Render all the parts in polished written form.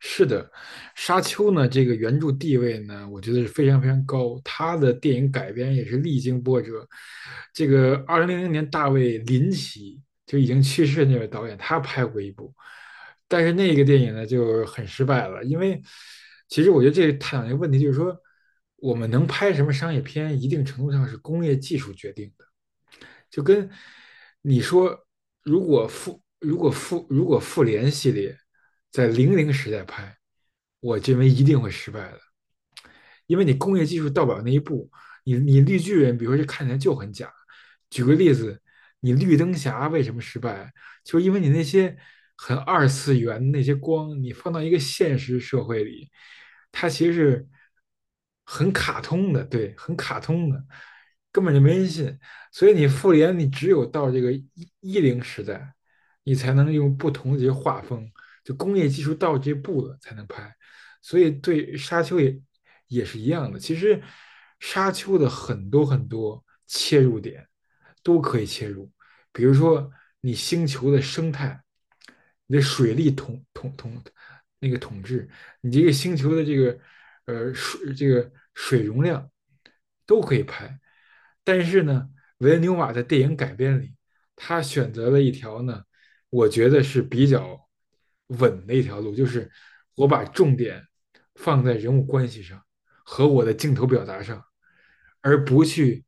是的，《沙丘》呢，这个原著地位呢，我觉得是非常非常高。他的电影改编也是历经波折。这个2000年，大卫林奇就已经去世的那位导演，他拍过一部，但是那个电影呢就很失败了。因为其实我觉得这探讨一个问题，就是说我们能拍什么商业片，一定程度上是工业技术决定的。就跟你说，如果复联系列在零零时代拍，我认为一定会失败的。因为你工业技术到不了那一步，你绿巨人，比如说这看起来就很假。举个例子，你绿灯侠为什么失败？就是因为你那些很二次元那些光，你放到一个现实社会里，它其实是很卡通的，对，很卡通的，根本就没人信。所以你复联，你只有到这个一零时代，你才能用不同的这些画风，就工业技术到这步了才能拍。所以对沙丘也是一样的。其实沙丘的很多很多切入点都可以切入，比如说你星球的生态，你的水利统治，你这个星球的这个水容量都可以拍。但是呢，维恩纽瓦在电影改编里，他选择了一条呢我觉得是比较稳的一条路，就是我把重点放在人物关系上和我的镜头表达上，而不去。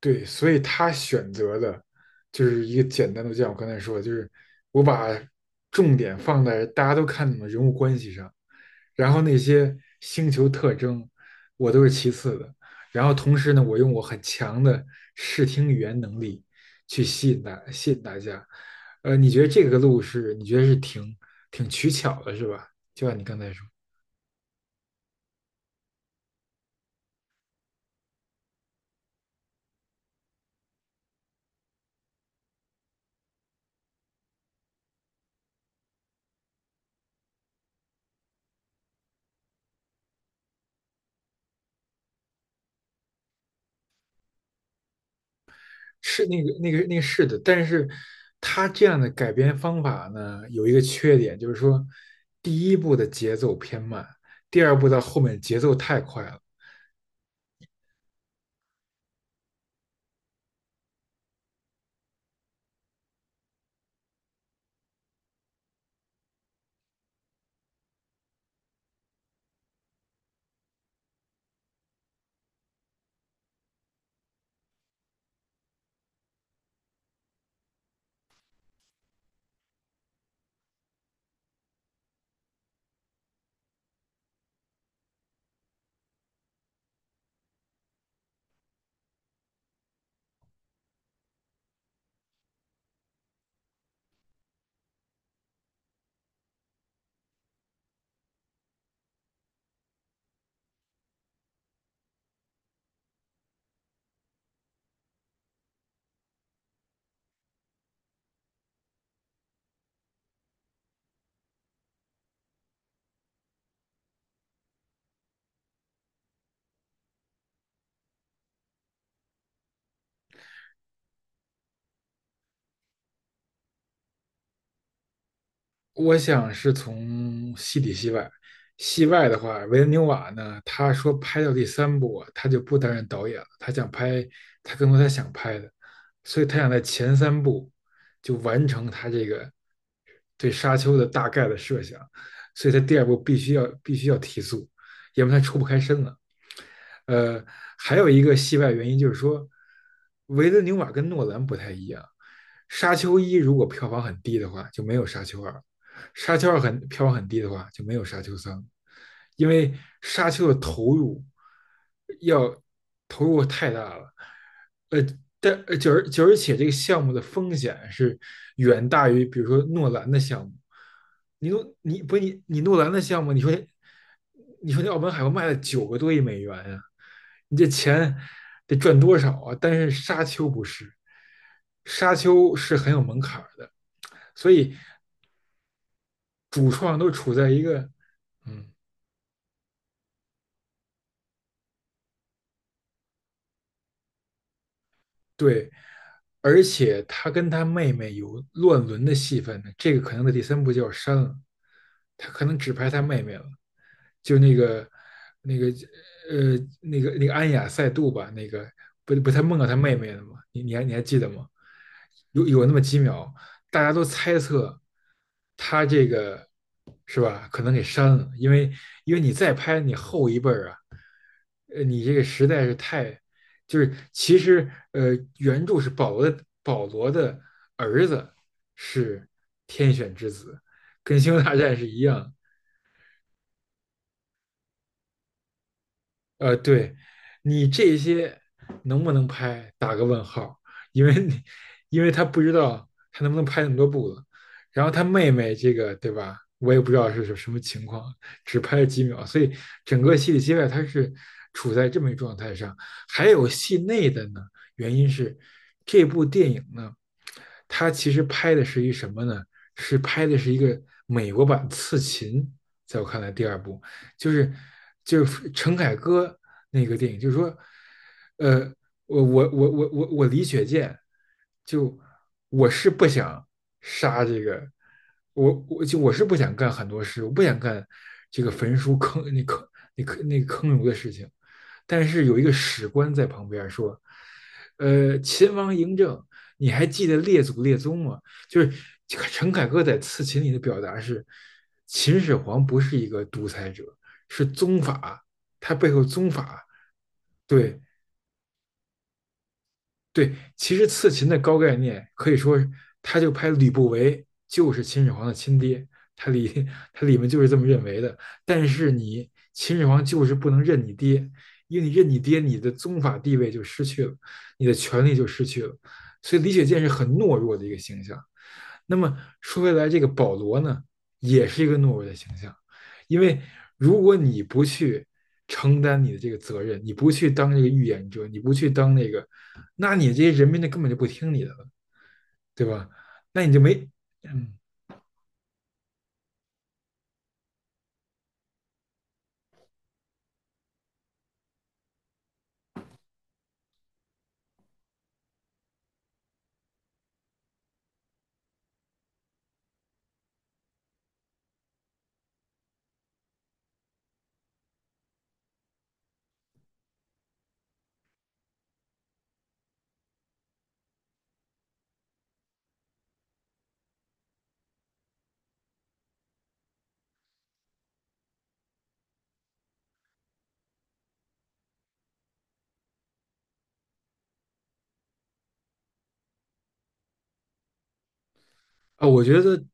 对，所以他选择的就是一个简单的，就像我刚才说的，就是我把重点放在大家都看懂的人物关系上，然后那些星球特征我都是其次的，然后同时呢，我用我很强的视听语言能力去吸引大家。你觉得这个路是你觉得是挺取巧的，是吧？就像你刚才说。是的，但是他这样的改编方法呢，有一个缺点，就是说第一部的节奏偏慢，第二部到后面节奏太快了。我想是从戏里戏外，戏外的话，维伦纽瓦呢，他说拍到第三部啊他就不担任导演了，他更多他想拍的，所以他想在前三部就完成他这个对沙丘的大概的设想，所以他第二部必须要提速，要不然他抽不开身了。呃，还有一个戏外原因就是说，维伦纽瓦跟诺兰不太一样，沙丘一如果票房很低的话，就没有沙丘二。沙丘二很票房很低的话，就没有沙丘三，因为沙丘的投入要投入太大了。呃，但而且这个项目的风险是远大于，比如说诺兰的项目。你不是你诺兰的项目，你说那澳门海默卖了9亿多美元呀，你这钱得赚多少啊？但是沙丘不是，沙丘是很有门槛的，所以主创都处在一个嗯对，而且他跟他妹妹有乱伦的戏份呢，这个可能在第三部就要删了，他可能只拍他妹妹了，就那个那个安雅塞杜吧，那个不不他梦到他妹妹了吗？你还记得吗？有那么几秒，大家都猜测他这个是吧？可能给删了，因为你再拍你后一辈儿啊，你这个实在是太就是其实呃，原著是保罗的儿子是天选之子，跟《星球大战》是一样，对，你这些能不能拍，打个问号，因为你，因为他不知道他能不能拍那么多部了。然后他妹妹这个，对吧？我也不知道是什么情况，只拍了几秒，所以整个戏里戏外他是处在这么一状态上。还有戏内的呢，原因是这部电影呢，它其实拍的是一什么呢？是拍的是一个美国版《刺秦》，在我看来第二部。就是就是陈凯歌那个电影，就是说，呃，我李雪健，就我是不想杀这个，我是不想干很多事，我不想干这个焚书坑儒的事情，但是有一个史官在旁边说，秦王嬴政。你还记得列祖列宗吗？就是陈凯歌在《刺秦》里的表达是，秦始皇不是一个独裁者，是宗法，它背后宗法，对对，其实刺秦的高概念可以说，他就拍吕不韦就是秦始皇的亲爹，他里他里面就是这么认为的。但是你秦始皇就是不能认你爹，因为你认你爹，你的宗法地位就失去了，你的权力就失去了，所以李雪健是很懦弱的一个形象。那么说回来，这个保罗呢，也是一个懦弱的形象，因为如果你不去承担你的这个责任，你不去当这个预言者，你不去当那个，那你这些人民就根本就不听你的了，对吧？那你就没，嗯，啊、哦我觉得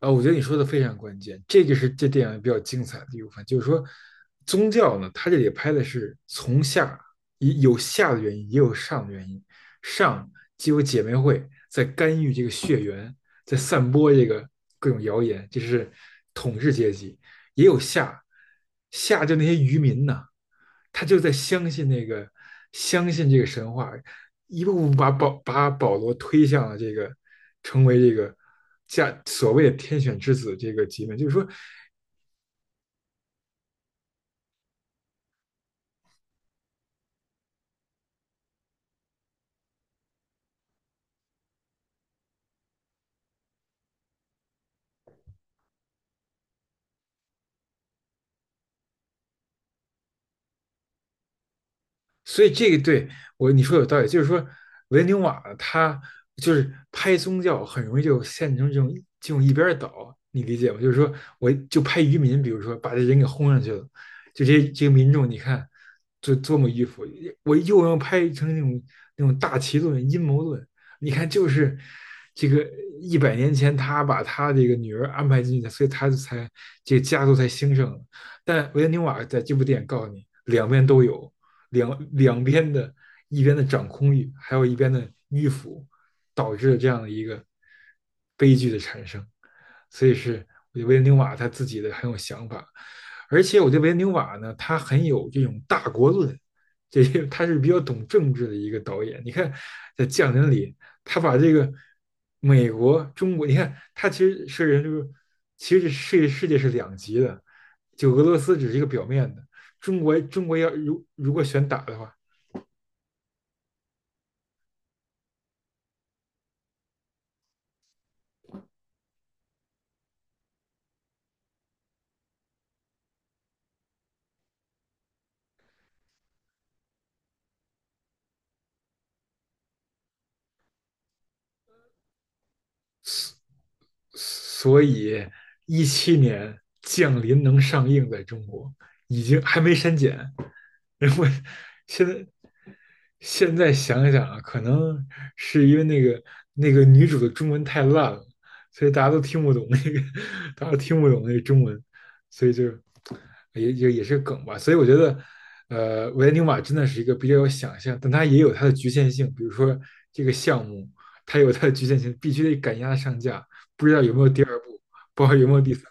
我觉得你说的非常关键，这个是这电影比较精彩的一部分，就是说宗教呢，它这里拍的是从下也有下的原因，也有上的原因，上既有姐妹会在干预这个血缘，在散播这个各种谣言，这是统治阶级，也有下就那些渔民呐、他就在相信那个，相信这个神话，一步步把保罗推向了这个成为这个加所谓的天选之子这个级别。就是说，所以对，你说有道理，就是说维纽瓦他就是拍宗教很容易就陷成这种一边倒，你理解吗？就是说我就拍渔民，比如说把这人给轰上去了，就这个民众你看就多么迂腐，我又要拍成那种大旗论、阴谋论，你看就是这个100年前他把他这个女儿安排进去的，所以他才这个家族才兴盛了。但维纽瓦在这部电影告诉你，两边都有。两边的一边的掌控欲，还有一边的迂腐，导致了这样的一个悲剧的产生。所以是我觉得维恩纽瓦他自己的很有想法，而且我觉得维恩纽瓦呢，他很有这种大国论，这他是比较懂政治的一个导演。你看在《匠人》里，他把这个美国、中国，你看他其实是人就是其实世界是两极的，就俄罗斯只是一个表面的，中国要如果选打的话，所以2017年《降临》能上映在中国，已经还没删减。然后现在现在想想啊，可能是因为那个女主的中文太烂了，所以大家都听不懂那个，大家都听不懂那个中文，所以就也是梗吧。所以我觉得，维恩纽瓦真的是一个比较有想象，但它也有它的局限性。比如说这个项目，它有它的局限性，必须得赶鸭子上架。不知道有没有第二部，不知道有没有第三。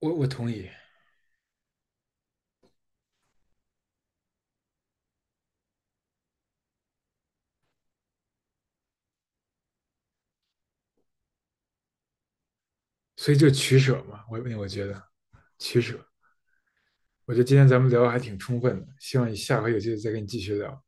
我同意，所以就取舍嘛，我觉得取舍。我觉得今天咱们聊的还挺充分的，希望你下回有机会再跟你继续聊。